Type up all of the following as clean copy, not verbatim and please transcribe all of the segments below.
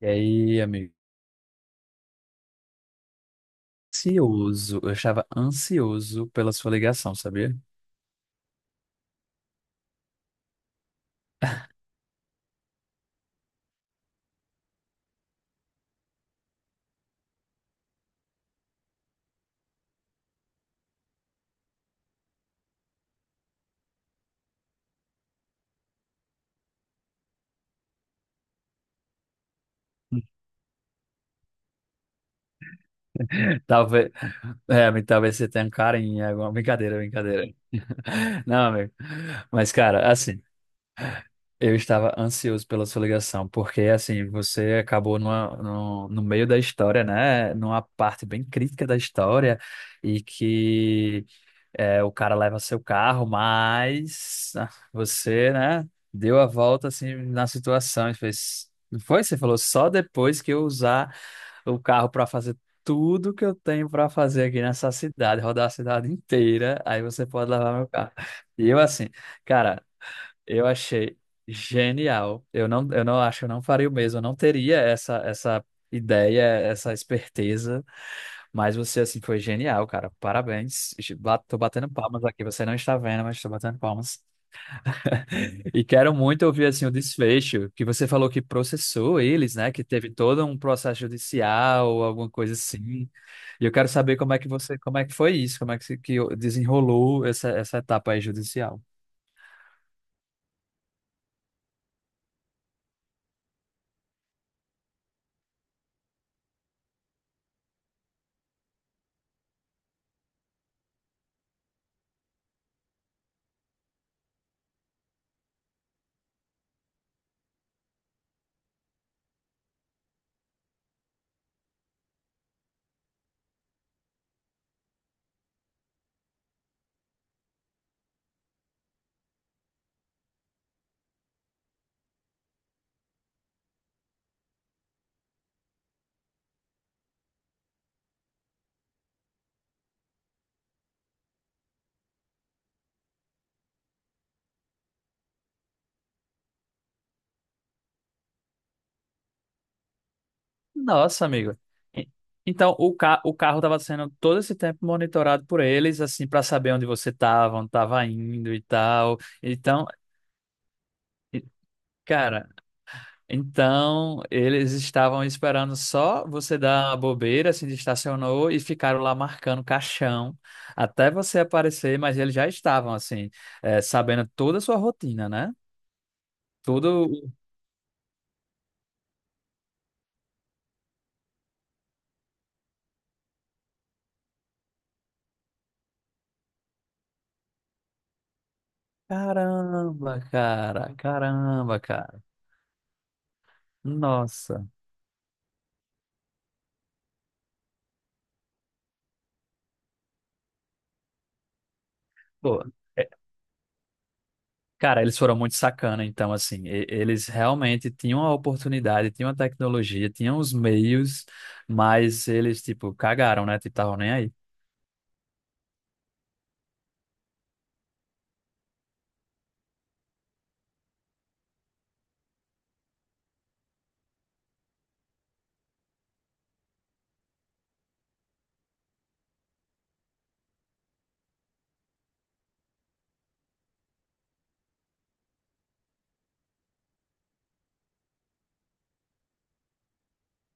E aí, amigo? Ansioso, eu estava ansioso pela sua ligação, sabia? Talvez, amigo, talvez você tenha um carinho, alguma brincadeira. Não, amigo. Mas, cara, assim, eu estava ansioso pela sua ligação, porque, assim, você acabou numa, no, no meio da história, né? Numa parte bem crítica da história, e que é, o cara leva seu carro, mas você, né, deu a volta assim na situação e fez. Não foi? Você falou só depois que eu usar o carro para fazer tudo que eu tenho para fazer aqui nessa cidade, rodar a cidade inteira, aí você pode levar meu carro. E eu assim, cara, eu achei genial. Eu não acho, eu não faria o mesmo, eu não teria essa ideia, essa esperteza. Mas você, assim, foi genial, cara. Parabéns. Tô batendo palmas aqui. Você não está vendo, mas tô batendo palmas. E quero muito ouvir, assim, o desfecho, que você falou que processou eles, né? Que teve todo um processo judicial ou alguma coisa assim. E eu quero saber como é que você, como é que foi isso, como é que, se- que desenrolou essa etapa aí judicial. Nossa, amigo. E- Então, o carro estava sendo todo esse tempo monitorado por eles, assim, para saber onde você estava, onde estava indo e tal. Então, e- cara. Então, eles estavam esperando só você dar a bobeira, se estacionou e ficaram lá marcando caixão até você aparecer, mas eles já estavam, assim, sabendo toda a sua rotina, né? Tudo. Caramba, cara, caramba, cara. Nossa. Pô, é, cara, eles foram muito sacana, então, assim, eles realmente tinham a oportunidade, tinham a tecnologia, tinham os meios, mas eles, tipo, cagaram, né? Tipo, estavam nem aí.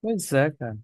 Pois é, cara.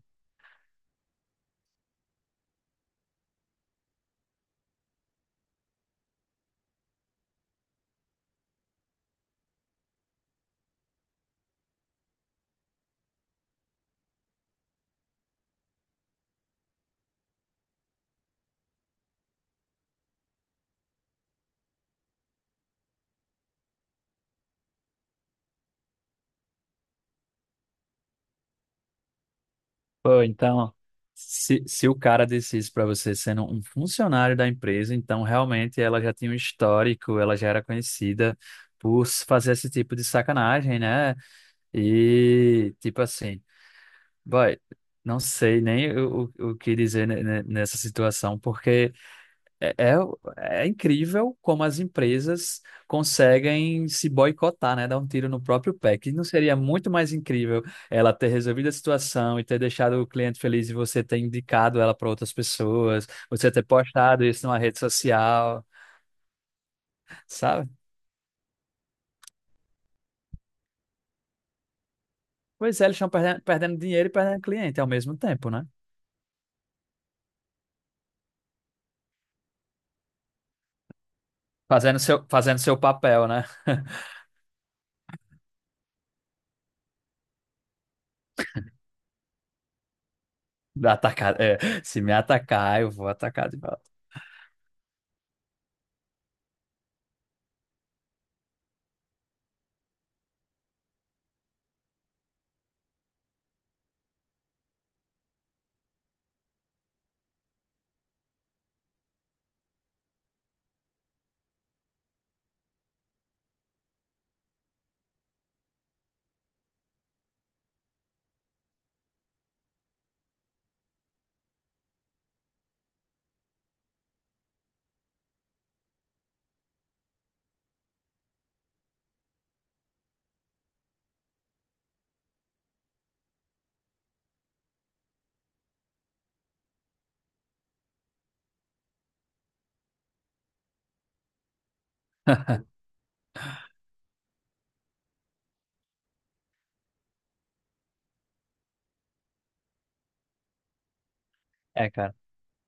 Pô, então, se o cara disse isso para você sendo um funcionário da empresa, então realmente ela já tinha um histórico, ela já era conhecida por fazer esse tipo de sacanagem, né? E, tipo assim, boy, não sei nem o que dizer nessa situação, porque. É, é, é incrível como as empresas conseguem se boicotar, né? Dar um tiro no próprio pé. Que não seria muito mais incrível ela ter resolvido a situação e ter deixado o cliente feliz e você ter indicado ela para outras pessoas, você ter postado isso numa rede social, sabe? Pois é, eles estão perdendo, perdendo dinheiro e perdendo cliente ao mesmo tempo, né? Fazendo seu papel, né? Atacar, é, se me atacar, eu vou atacar de volta. É, cara.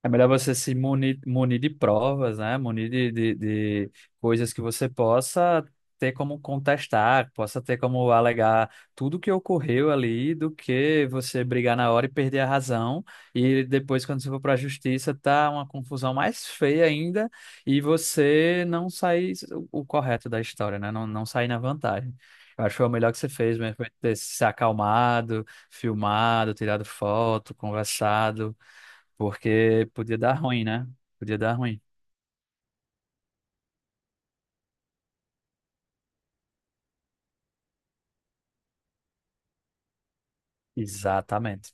É melhor você se munir, munir de provas, né? Munir de coisas que você possa ter como contestar, possa ter como alegar tudo que ocorreu ali, do que você brigar na hora e perder a razão. E depois, quando você for para a justiça, tá uma confusão mais feia ainda e você não sair o correto da história, né? Não sair na vantagem. Eu acho que foi o melhor que você fez mesmo, foi ter se acalmado, filmado, tirado foto, conversado. Porque podia dar ruim, né? Podia dar ruim. Exatamente.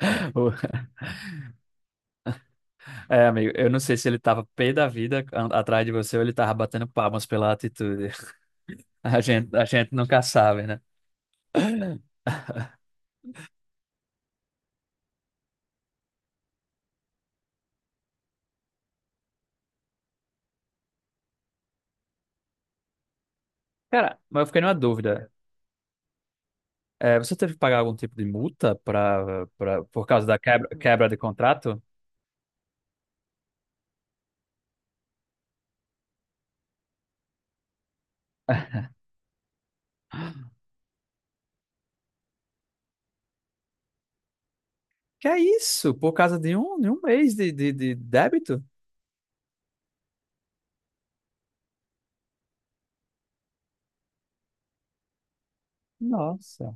O- É, amigo, eu não sei se ele tava pé da vida atrás de você ou ele tava batendo palmas pela atitude. A gente nunca sabe, né? Cara, mas eu fiquei numa dúvida. É, você teve que pagar algum tipo de multa por causa da quebra de contrato? Que é isso? Por causa de um mês de débito? Nossa.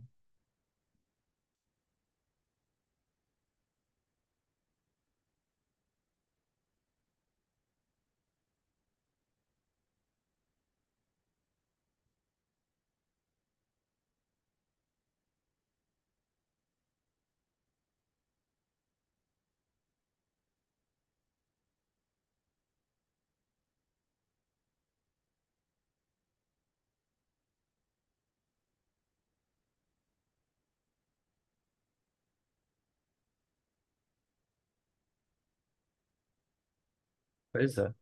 Pois é.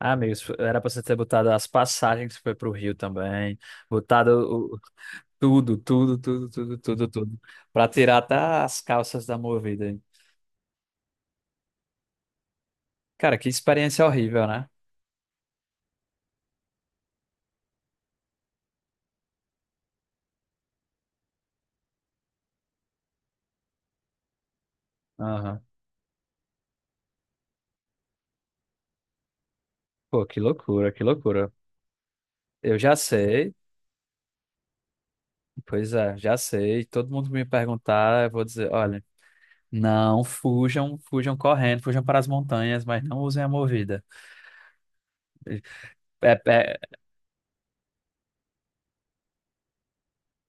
Ah, amigos, era pra você ter botado as passagens que foi pro Rio também, botado tudo, tudo, tudo, tudo, tudo, tudo. Pra tirar até as calças da Movida, hein? Cara, que experiência horrível, né? Aham. Pô, que loucura, que loucura. Eu já sei, pois é, já sei. Todo mundo me perguntar, eu vou dizer, olha, não fujam, fujam correndo, fujam para as montanhas, mas não usem a Movida. É, é,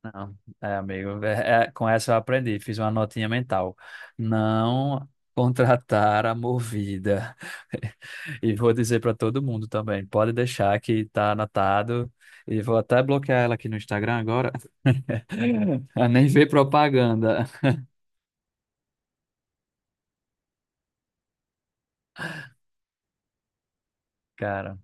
não, é, amigo, com essa eu aprendi, fiz uma notinha mental. Não contratar a Movida. E vou dizer para todo mundo também, pode deixar que tá anotado. E vou até bloquear ela aqui no Instagram agora. Ela nem vê propaganda. Cara,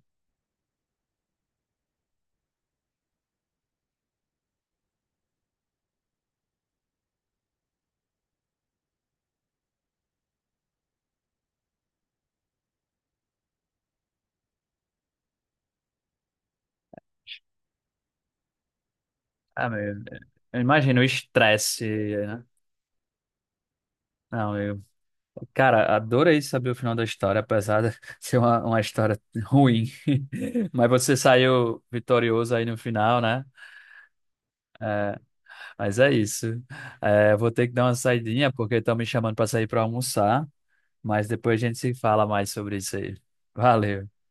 ah, meu, eu imagino o estresse, né? Não, eu, cara, adorei saber o final da história, apesar de ser uma história ruim. Mas você saiu vitorioso aí no final, né? Mas é isso. É, vou ter que dar uma saidinha porque estão me chamando para sair para almoçar, mas depois a gente se fala mais sobre isso aí. Valeu.